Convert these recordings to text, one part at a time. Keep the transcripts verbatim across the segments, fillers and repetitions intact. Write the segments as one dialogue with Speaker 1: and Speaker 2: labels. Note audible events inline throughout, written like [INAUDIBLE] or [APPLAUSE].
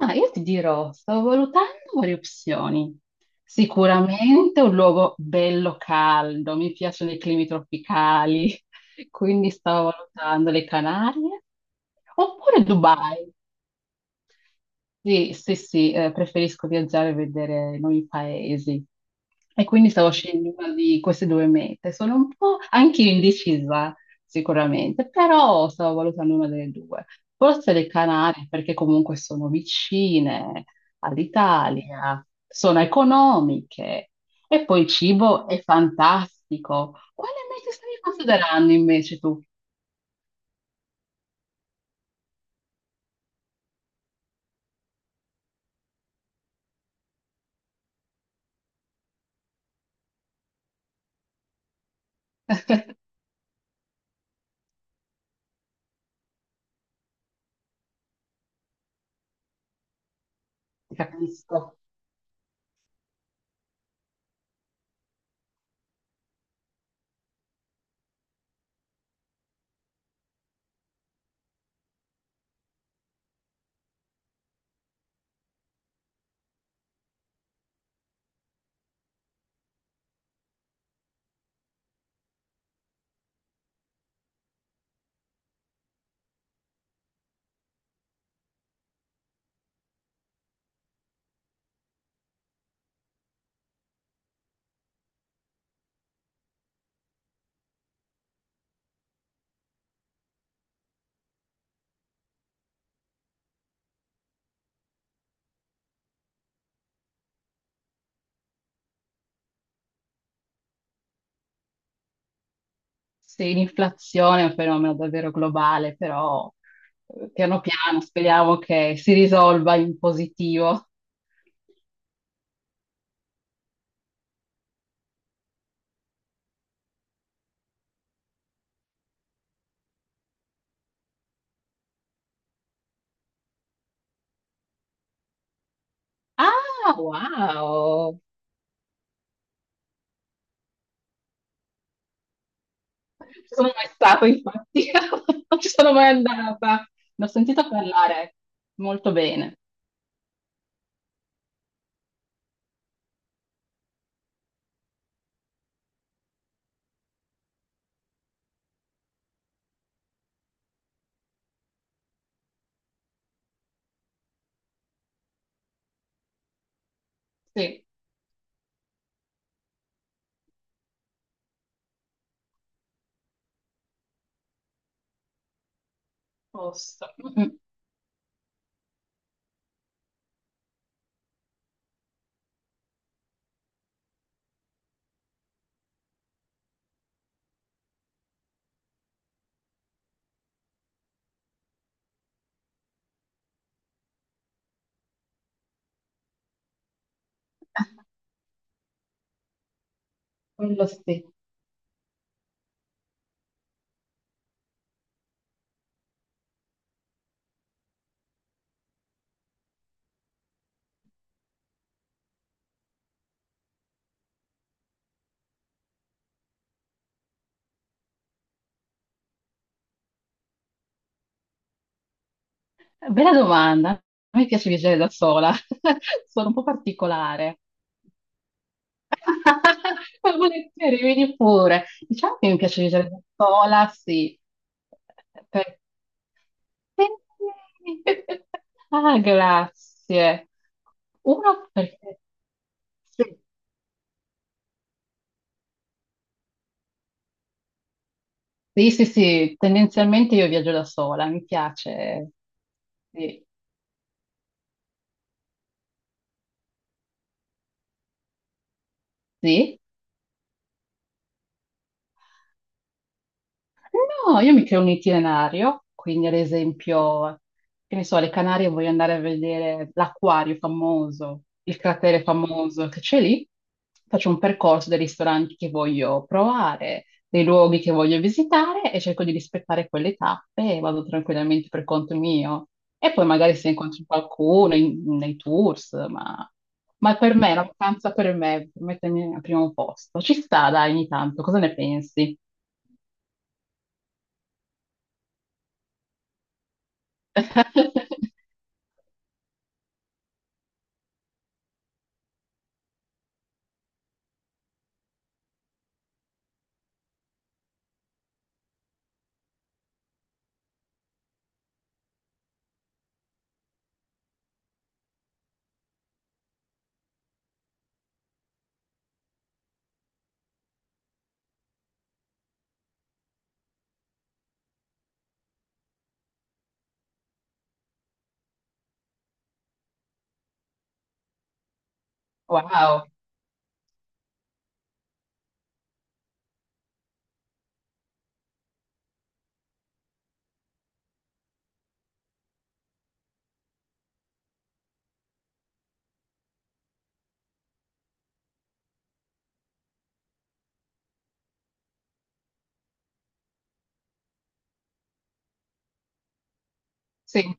Speaker 1: Ah, io ti dirò, sto valutando varie opzioni. Sicuramente un luogo bello caldo, mi piacciono i climi tropicali, [LAUGHS] quindi stavo valutando le Canarie, oppure Dubai. Sì, sì, sì, eh, preferisco viaggiare e vedere nuovi paesi. E quindi stavo scegliendo una di queste due mete. Sono un po' anche io indecisa, sicuramente, però stavo valutando una delle due. Forse le Canarie, perché comunque sono vicine all'Italia, sono economiche e poi il cibo è fantastico. Quale mete stavi considerando invece tu? [LAUGHS] Ti Capisco. Sì, l'inflazione è un fenomeno davvero globale, però eh, piano piano speriamo che si risolva in positivo. Ah, wow! Non ci sono mai stata, infatti, [LAUGHS] non ci sono mai andata. Ne ho sentito parlare molto bene. Sì, posto. Mm. Quello sì. Bella domanda. A me piace viaggiare da sola, [LAUGHS] sono un po' particolare. [LAUGHS] Ma volentieri, vieni pure. Diciamo che mi piace viaggiare da sola, sì. Per- Sì. [LAUGHS] Ah, grazie. Uno perché... Sì, sì, sì, sì, tendenzialmente io viaggio da sola, mi piace. Sì, sì. No, io mi creo un itinerario, quindi ad esempio, che ne so, alle Canarie voglio andare a vedere l'acquario famoso, il cratere famoso che c'è lì, faccio un percorso dei ristoranti che voglio provare, dei luoghi che voglio visitare e cerco di rispettare quelle tappe e vado tranquillamente per conto mio. E poi magari se incontro qualcuno in- nei tours, ma, ma per me, la vacanza per me, per mettermi al primo posto, ci sta, dai, ogni tanto, cosa ne pensi? [LAUGHS] Wow, sì,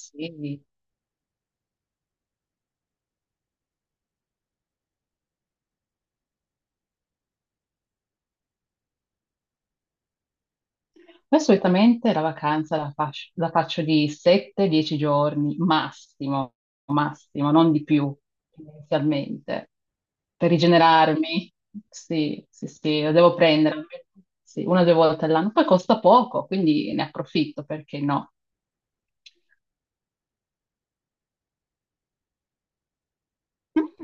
Speaker 1: sì. Poi solitamente la vacanza la, fac- la faccio di sette dieci giorni, massimo, massimo, non di più, inizialmente, per rigenerarmi. Sì, sì, sì, la devo prendere, sì, una o due volte all'anno. Poi costa poco, quindi ne approfitto, perché no?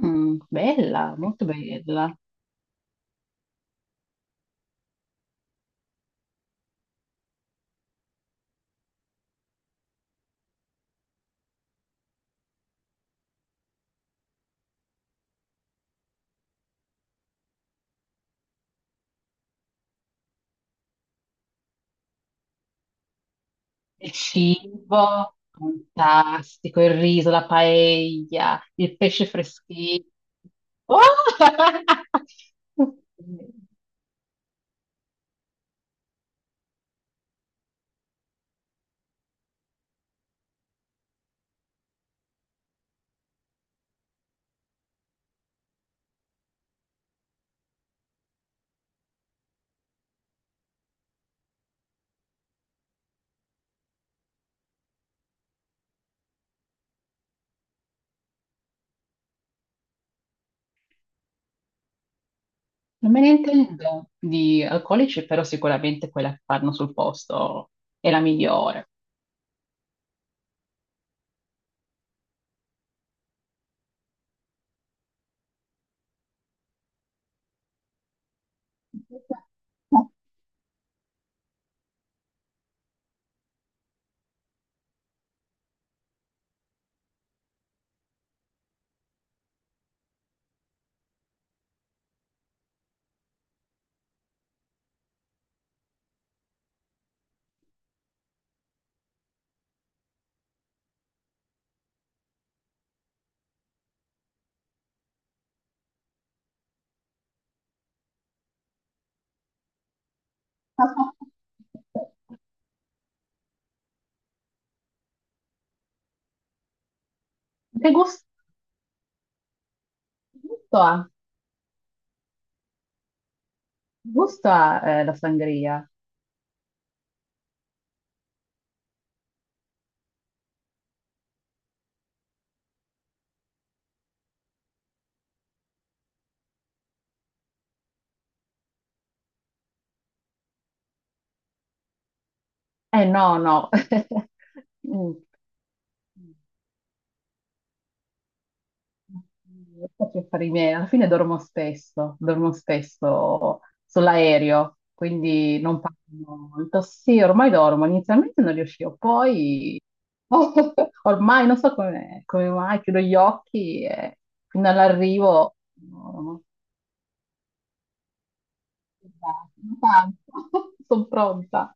Speaker 1: Mm, bella, molto bella. Il cibo, fantastico, il riso, la paella, il pesce freschissimo. Oh! [LAUGHS] Non me ne intendo di alcolici, però sicuramente quella che fanno sul posto è la migliore. Che gusto, gusto ha? Gusto ha, eh, la sangria? Eh no, no. [LAUGHS] Mm. Non so che fare i miei, alla fine dormo spesso, dormo spesso sull'aereo, quindi non parlo molto. Sì, ormai dormo, inizialmente non riuscivo, poi [LAUGHS] ormai non so come, come, mai, chiudo gli occhi e fino all'arrivo [LAUGHS] no, no, sono pronta.